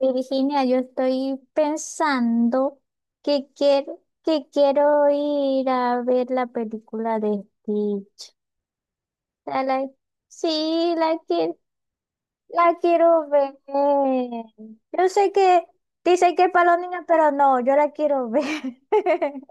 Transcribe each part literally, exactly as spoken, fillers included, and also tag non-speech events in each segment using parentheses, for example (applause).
Virginia, yo estoy pensando que quiero, que quiero ir a ver la película de Stitch. O sea, la- sí, la, qui- la quiero ver. Yo sé que dicen que es para los niños, pero no, yo la quiero ver. (laughs)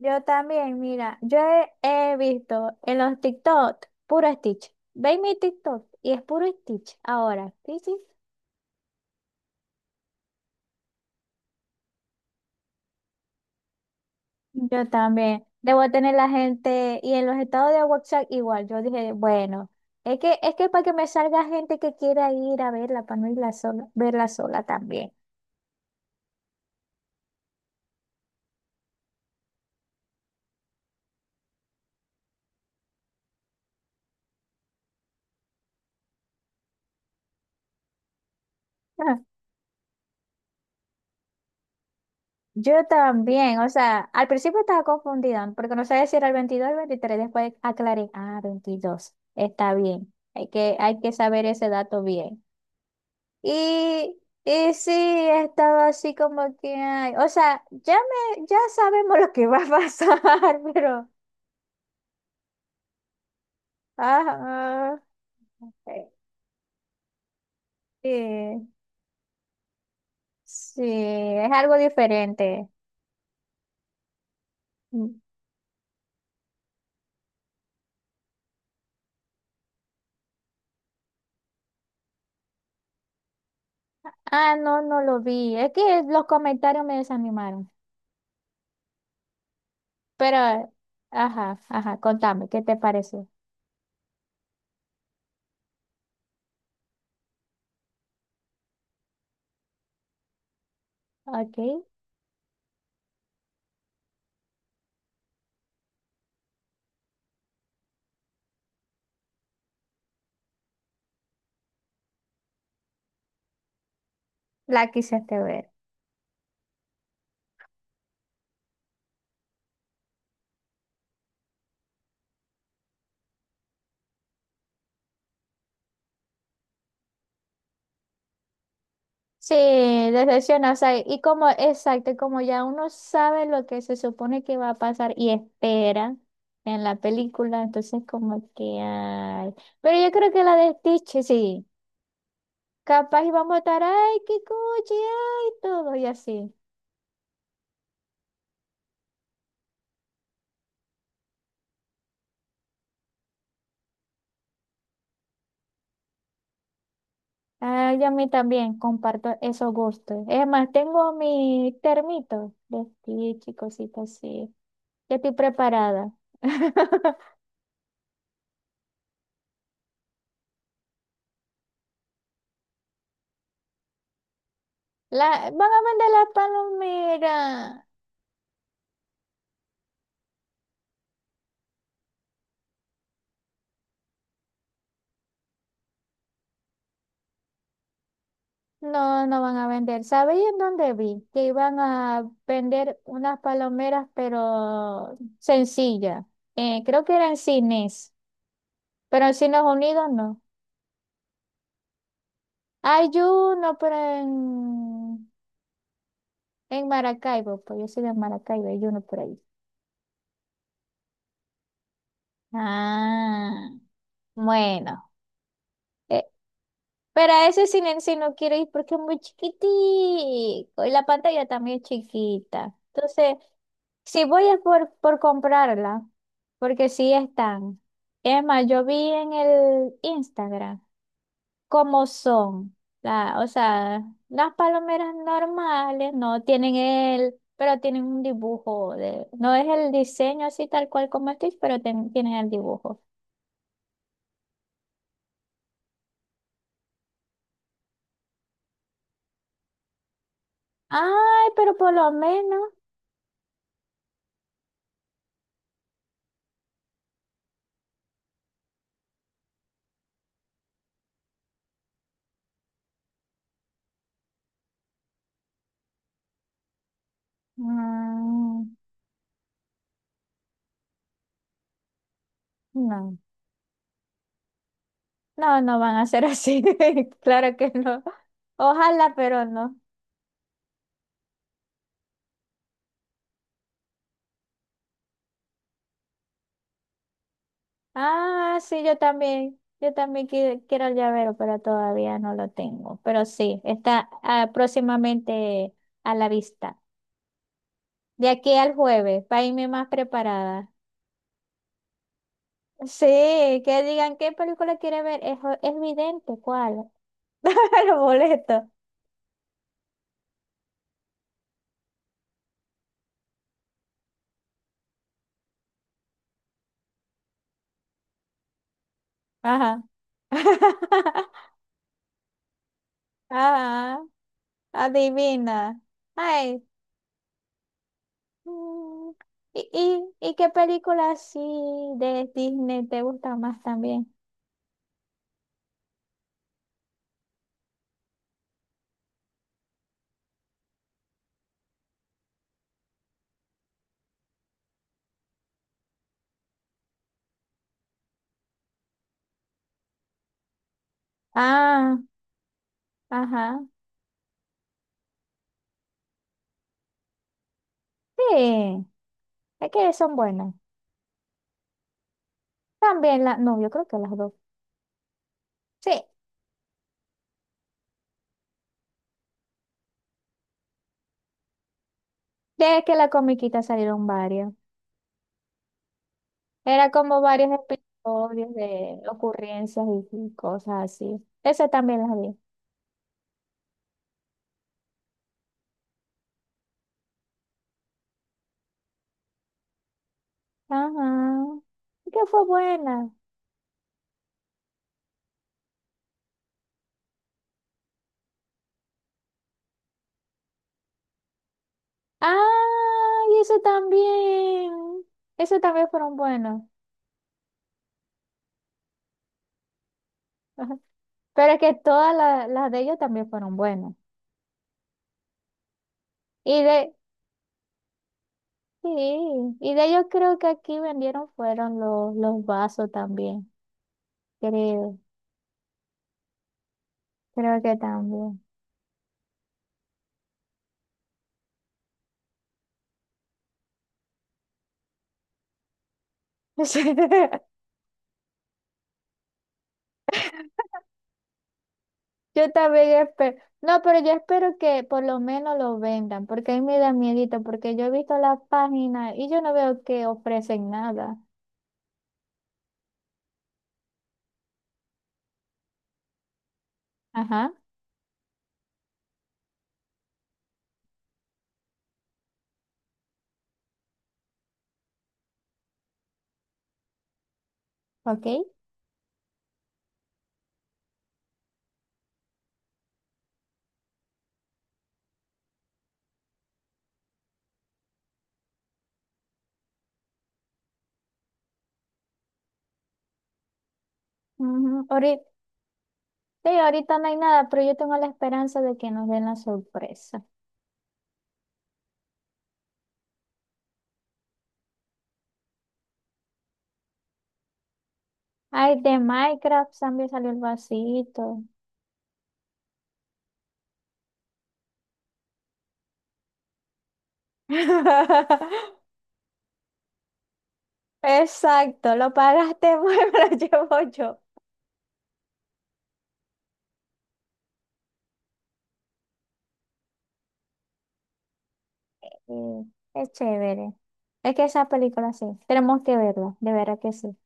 Yo también, mira, yo he, he visto en los TikTok puro Stitch. Ve mi TikTok y es puro Stitch ahora. Sí, sí. Yo también. Debo tener la gente, y en los estados de WhatsApp igual, yo dije, bueno, es que, es que para que me salga gente que quiera ir a verla, para no irla sola, verla sola también. Ah, yo también, o sea, al principio estaba confundida, porque no sabía si era el veintidós o el veintitrés, después aclaré, ah, veintidós está bien, hay que, hay que saber ese dato bien. Y, y sí, estaba así como que, ay, o sea, ya me, ya sabemos lo que va a pasar, (laughs) pero... Ajá. eh, Sí, sí, es algo diferente. Mm. Ah, no, no lo vi. Es que los comentarios me desanimaron. Pero, ajá, ajá, contame, ¿qué te pareció? Ok, la quisiste ver. Sí, decepciona, o sea, y como, exacto, y como ya uno sabe lo que se supone que va a pasar y espera en la película, entonces como que, ay. Pero yo creo que la de Stitch, sí. Capaz y vamos a estar, ay, qué cuchi, ay, todo y así. Ay, a mí también comparto esos gustos. Es más, tengo mi termito de Stitch y cositas así. Ya estoy preparada. (laughs) La, van a vender las palomeras. No, no van a vender. ¿Sabéis en dónde vi? Que iban a vender unas palomeras, pero sencillas. Eh, creo que eran cines, pero en Cines Unidos no. Hay uno, pero en En Maracaibo, pues yo soy de Maracaibo, hay uno por ahí. Ah, bueno. Eh, pero a ese silencio no quiero ir porque es muy chiquitico y la pantalla también es chiquita. Entonces, si voy es por, por comprarla, porque sí están. Es más, yo vi en el Instagram, como son. La, o sea, las palomeras normales no tienen el, pero tienen un dibujo de, no es el diseño así tal cual como Stitch, pero ten- tienen el dibujo. Ay, pero por lo menos, mm, no, no, no van a ser así. (laughs) Claro que no. Ojalá, pero no. Ah, sí, yo también. Yo también qui- quiero el llavero, pero todavía no lo tengo. Pero sí, está ah, próximamente a la vista. De aquí al jueves, para irme más preparada. Sí, que digan qué película quiere ver. Es, o- es vidente, ¿cuál? (laughs) Los boletos. Ajá. (laughs) Ajá. Adivina. Ay. mm, ¿Y, y, y qué película así de Disney te gusta más también? Ah, ajá. Sí, es que son buenas. También la, no, yo creo que las dos. Sí, de que la comiquita salieron varias. Era como varios episodios de ocurrencias y y cosas así. Esa también la vi. Ajá. Que fue buena. Ah, y eso también. Eso también fueron buenos. Ajá. Pero es que todas la- las de ellos también fueron buenas. Y de, sí, y de ellos creo que aquí vendieron fueron los, los vasos también. Creo, creo que también. (laughs) Yo también espero. No, pero yo espero que por lo menos lo vendan, porque a mí me da miedito, porque yo he visto la página y yo no veo que ofrecen nada. Ajá, ok. Ujú. Ahorita, sí, ahorita no hay nada, pero yo tengo la esperanza de que nos den la sorpresa. Ay, de Minecraft también salió el vasito. (laughs) Exacto, lo pagaste, (laughs) bueno, lo llevo yo. Sí, es chévere. Es que esa película sí, tenemos que verla, de verdad que sí.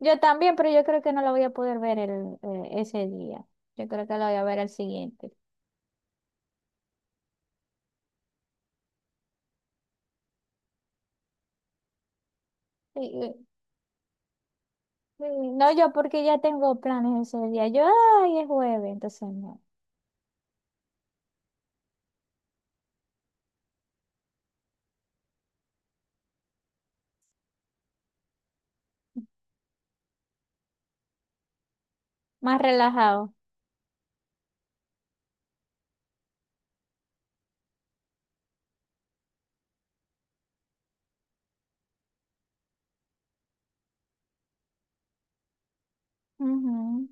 Yo también, pero yo creo que no lo voy a poder ver el, eh, ese día. Yo creo que lo voy a ver el siguiente. Y- y- y no yo, porque ya tengo planes ese día. Yo, ay, es jueves, entonces no. Más relajado. Ujú.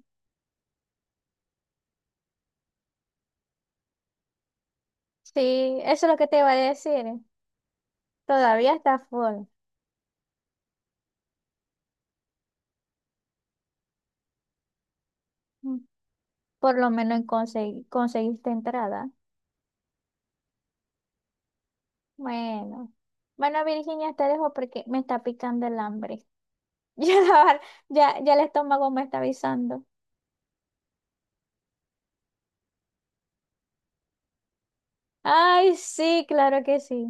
Sí, eso es lo que te iba a decir. Todavía está full. Mm. Por lo menos consegui- conseguiste entrada. Bueno. Bueno, Virginia, te dejo porque me está picando el hambre. (laughs) Ya, la ya, ya el estómago me está avisando. Ay, sí, claro que sí.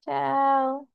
Chao.